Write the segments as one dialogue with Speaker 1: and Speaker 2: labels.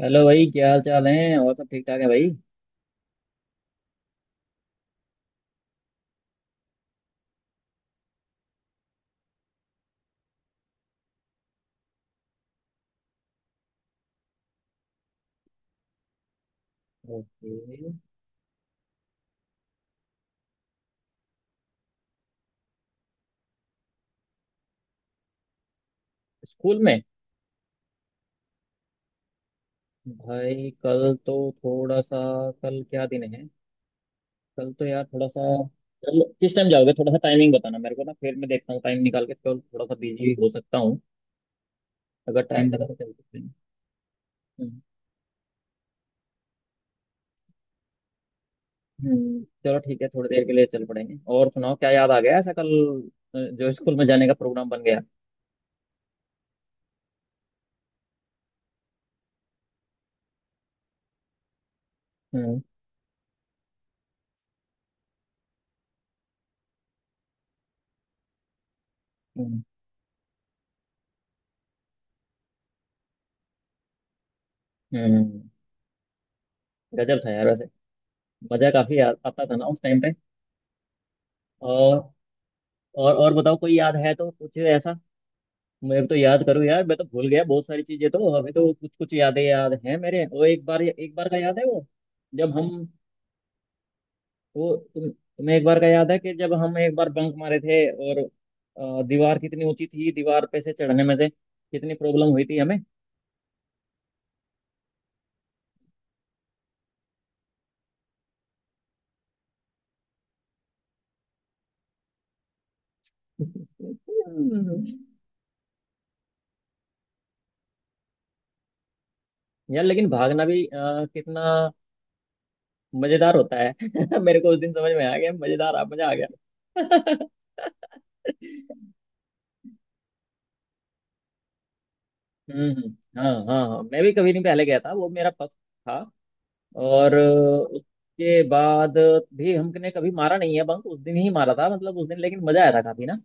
Speaker 1: Hello भाई, क्या हाल चाल है? और सब ठीक ठाक है भाई? ओके। स्कूल में? भाई, कल तो थोड़ा सा... कल क्या दिन है? कल तो यार थोड़ा सा... चलो, किस टाइम जाओगे? थोड़ा सा टाइमिंग बताना मेरे को ना, फिर मैं देखता हूँ टाइम निकाल के। कल थोड़ा सा बिजी हो सकता हूँ। अगर टाइम लगा तो चल सकते हैं। हम्म। चलो ठीक है, थोड़ी देर के लिए चल पड़ेंगे। और सुनाओ, क्या याद आ गया ऐसा कल जो स्कूल में जाने का प्रोग्राम बन गया? हम्म। हम्म। हम्म। गजब था यार वैसे। मजा काफी आता था ना उस टाइम पे। और और बताओ, कोई याद है तो कुछ ऐसा? मैं तो याद करूँ यार, मैं तो भूल गया बहुत सारी चीजें, तो अभी तो कुछ कुछ यादें याद हैं मेरे। वो एक बार का याद है वो? जब हम वो तुम्हें एक बार का याद है कि जब हम एक बार बंक मारे थे? और दीवार कितनी ऊंची थी, दीवार पे से चढ़ने में से कितनी प्रॉब्लम हुई थी हमें। हम्म। यार, लेकिन भागना भी कितना मजेदार होता है। मेरे को उस दिन समझ में आ गया, मजेदार आ मजा आ गया। हम्म। हाँ हाँ हाँ, मैं भी कभी नहीं पहले गया था, वो मेरा फर्स्ट था। और उसके बाद भी हमने कभी मारा नहीं है बंक। उस दिन ही मारा था, मतलब उस दिन, लेकिन मजा आया था काफी ना।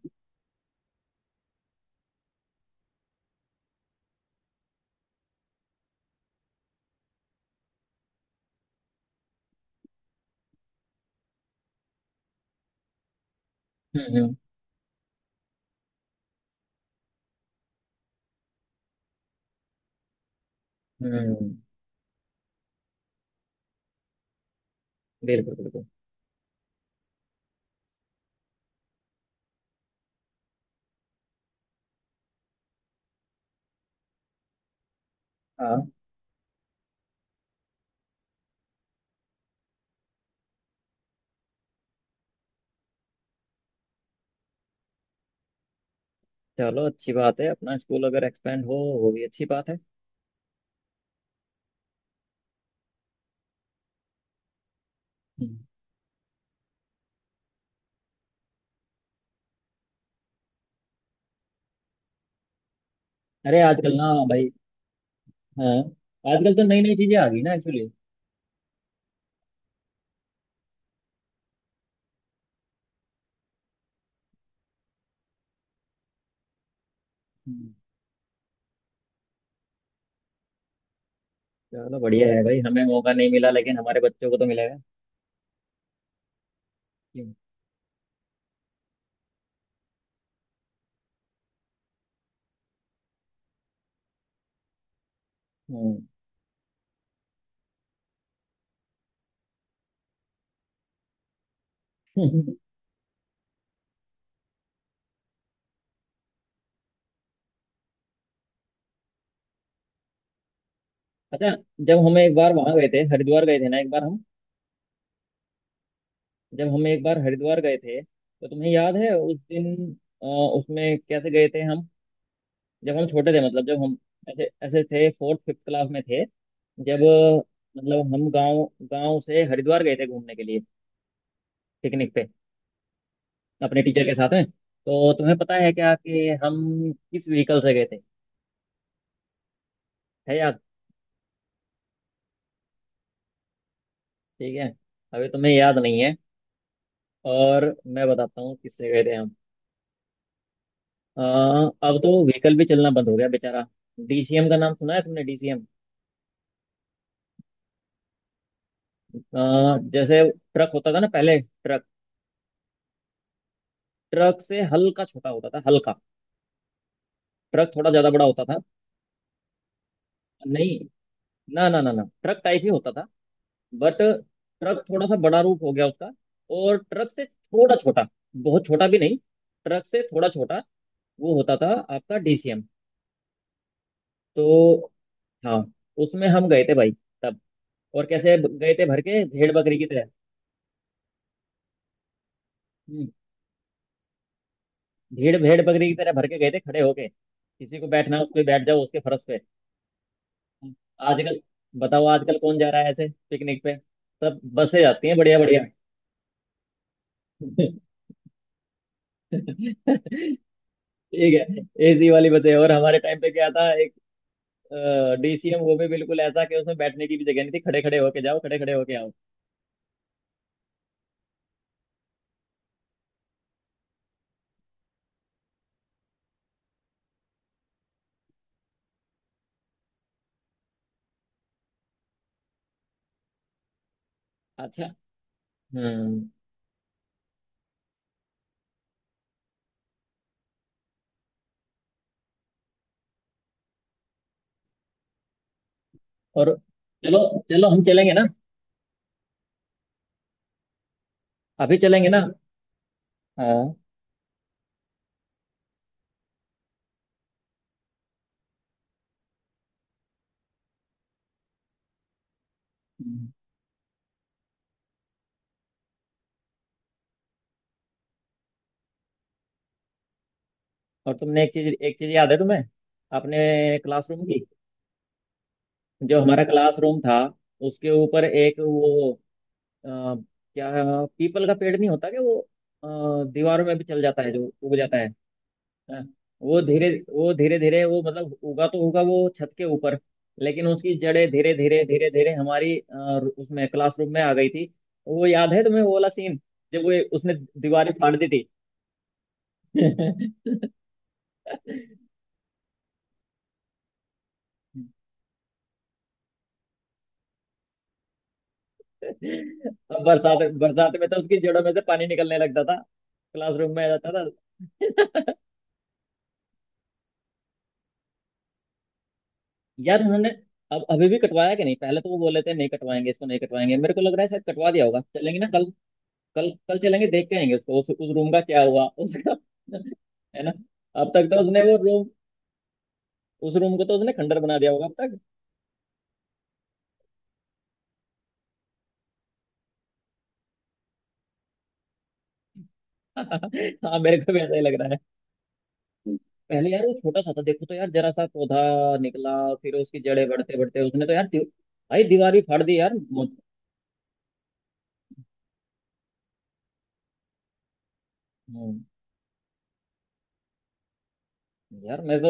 Speaker 1: हम्म। हम्म। हम्म। बिल्कुल बिल्कुल। हाँ। चलो, अच्छी बात है, अपना स्कूल अगर एक्सपेंड हो वो भी अच्छी बात है। हम्म। अरे, आजकल ना भाई। हाँ। आजकल तो नई नई चीजें आ गई ना एक्चुअली। चलो, बढ़िया है भाई, हमें मौका नहीं मिला लेकिन हमारे बच्चों को तो मिलेगा। हम्म। अच्छा। जब हम एक बार वहां गए थे, हरिद्वार गए थे ना, एक बार हम जब हम एक बार हरिद्वार गए थे तो तुम्हें याद है उस दिन उसमें कैसे गए थे हम? जब हम छोटे थे, मतलब जब हम ऐसे ऐसे थे, फोर्थ फिफ्थ क्लास में थे। जब मतलब हम गांव गांव से हरिद्वार गए थे घूमने के लिए, पिकनिक पे, अपने टीचर के साथ में। तो तुम्हें पता है क्या कि हम किस व्हीकल से गए थे? है याद? ठीक है, अभी तुम्हें याद नहीं है। और मैं बताता हूँ किससे गए थे हम। अब तो व्हीकल भी चलना बंद हो गया बेचारा। डीसीएम का नाम सुना है तुमने? डीसीएम अ, जैसे ट्रक होता था ना पहले, ट्रक। ट्रक से हल्का छोटा होता था, हल्का। ट्रक थोड़ा ज्यादा बड़ा होता था। नहीं, ना ना ना ना, ट्रक टाइप ही होता था। बट ट्रक थोड़ा सा बड़ा रूप हो गया उसका, और ट्रक से थोड़ा छोटा, बहुत छोटा भी नहीं, ट्रक से थोड़ा छोटा, वो होता था आपका डीसीएम तो। हाँ। उसमें हम गए थे भाई तब। और कैसे गए थे, भर के भेड़ बकरी की तरह। हम्म, भेड़ भेड़ बकरी की तरह भर के गए थे, खड़े होके। किसी को बैठना है, उस पे बैठ जाओ, उसके फर्श पे। आजकल बताओ, आजकल कौन जा रहा है ऐसे पिकनिक पे? सब बसें जाती हैं, बढ़िया बढ़िया। ठीक है, एसी वाली बसें। और हमारे टाइम पे क्या था? एक डीसीएम, वो भी बिल्कुल ऐसा कि उसमें बैठने की भी जगह नहीं थी। खड़े खड़े होके जाओ, खड़े खड़े होके आओ। अच्छा। हम्म। और, चलो चलो हम चलेंगे ना, अभी चलेंगे ना। हाँ। हम्म। और तुमने एक चीज, याद है तुम्हें अपने क्लासरूम की? जो हमारा क्लासरूम था, उसके ऊपर एक वो अ, क्या, पीपल का पेड़ नहीं होता क्या, वो अ, दीवारों में भी चल जाता है, जो उग जाता है? हाँ, वो धीरे धीरे वो मतलब उगा तो होगा वो छत के ऊपर, लेकिन उसकी जड़ें धीरे धीरे धीरे धीरे उसमें क्लासरूम में आ गई थी। वो याद है तुम्हें, वो वाला सीन, जब वो उसने दीवारें फाड़ दी थी? अब बरसात, बरसात में तो उसकी जड़ों में से पानी निकलने लगता था, क्लासरूम में आ जाता था। यार उन्होंने... अब अभी भी कटवाया कि नहीं? पहले तो वो बोले थे नहीं कटवाएंगे इसको, नहीं कटवाएंगे। मेरे को लग रहा है शायद कटवा दिया होगा, चलेंगे ना कल? कल, कल चलेंगे, देख के आएंगे उसको, उस रूम का क्या हुआ उसका। है ना? अब तक तो उसने वो रूम उस रूम को तो उसने खंडर बना दिया होगा अब तक। हाँ, मेरे को भी ऐसा ही लग रहा है। पहले यार वो छोटा सा था, देखो तो यार, जरा सा पौधा निकला। फिर उसकी जड़ें बढ़ते बढ़ते उसने तो यार, भाई दीवार भी फाड़ दी यार। मौत। यार मैं तो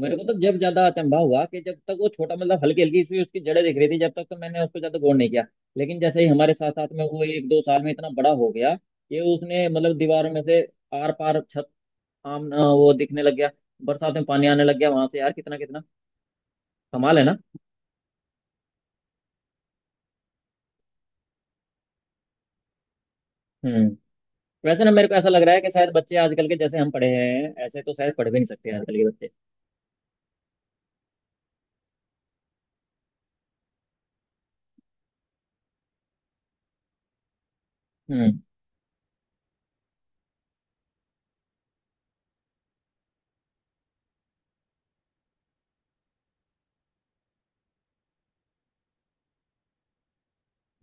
Speaker 1: मेरे को तो जब ज्यादा अचंभा हुआ कि जब तक वो छोटा, मतलब हल्की हल्की सी उसकी जड़ें दिख रही थी, जब तक तो मैंने उसको ज्यादा गौर नहीं किया। लेकिन जैसे ही हमारे साथ साथ में वो एक दो साल में इतना बड़ा हो गया कि उसने मतलब दीवारों में से आर पार छत वो दिखने लग गया, बरसात में पानी आने लग गया वहां से। यार, कितना कितना कमाल है ना। हम्म। वैसे ना, मेरे को ऐसा लग रहा है कि शायद बच्चे आजकल के, जैसे हम पढ़े हैं ऐसे तो शायद पढ़ भी नहीं सकते आजकल के बच्चे। हम्म।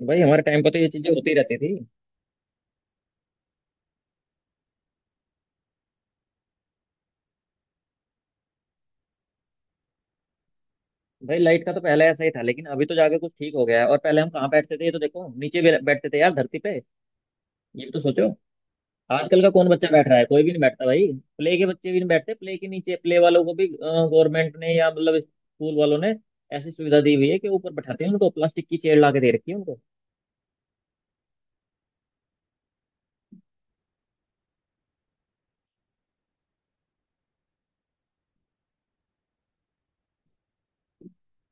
Speaker 1: भाई, हमारे टाइम पर तो ये चीजें होती रहती थी। भाई, लाइट का तो पहले ऐसा ही था, लेकिन अभी तो जाके कुछ ठीक हो गया है। और पहले हम कहाँ बैठते थे, ये तो देखो, नीचे भी बैठते थे यार, धरती पे। ये भी तो सोचो, आजकल का कौन बच्चा बैठ रहा है? कोई भी नहीं बैठता भाई। प्ले के बच्चे भी नहीं बैठते, प्ले के नीचे। प्ले वालों को भी गवर्नमेंट ने, या मतलब स्कूल वालों ने ऐसी सुविधा दी हुई है कि ऊपर बैठाते हैं उनको, प्लास्टिक की चेयर ला के दे रखी है उनको।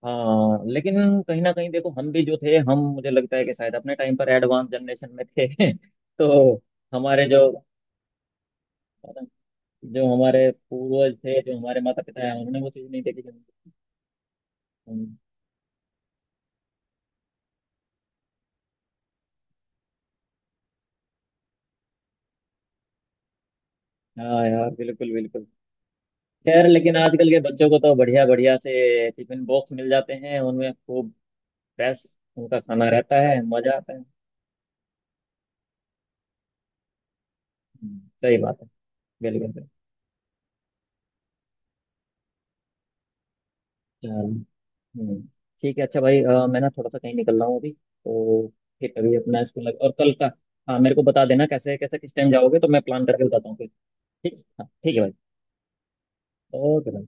Speaker 1: हाँ, लेकिन कहीं ना कहीं देखो, हम भी जो थे हम मुझे लगता है कि शायद अपने टाइम पर एडवांस जनरेशन में थे, तो हमारे जो जो हमारे पूर्वज थे, जो हमारे माता पिता है, उन्होंने वो चीज नहीं देखी। हम्म, हाँ यार बिल्कुल बिल्कुल। खैर, लेकिन आजकल के बच्चों को तो बढ़िया बढ़िया से टिफिन बॉक्स मिल जाते हैं, उनमें खूब फ्रेश उनका खाना रहता है, मजा आता है। सही बात है। बिल्कुल बिल्कुल। चलो। हम्म, ठीक है, अच्छा भाई मैं ना थोड़ा सा कहीं निकल रहा हूँ अभी तो। फिर अभी अपना स्कूल लग और कल का... हाँ, मेरे को बता देना कैसे कैसे, किस टाइम जाओगे, तो मैं प्लान करके बताता हूँ फिर। ठीक, हाँ ठीक है भाई। ओके।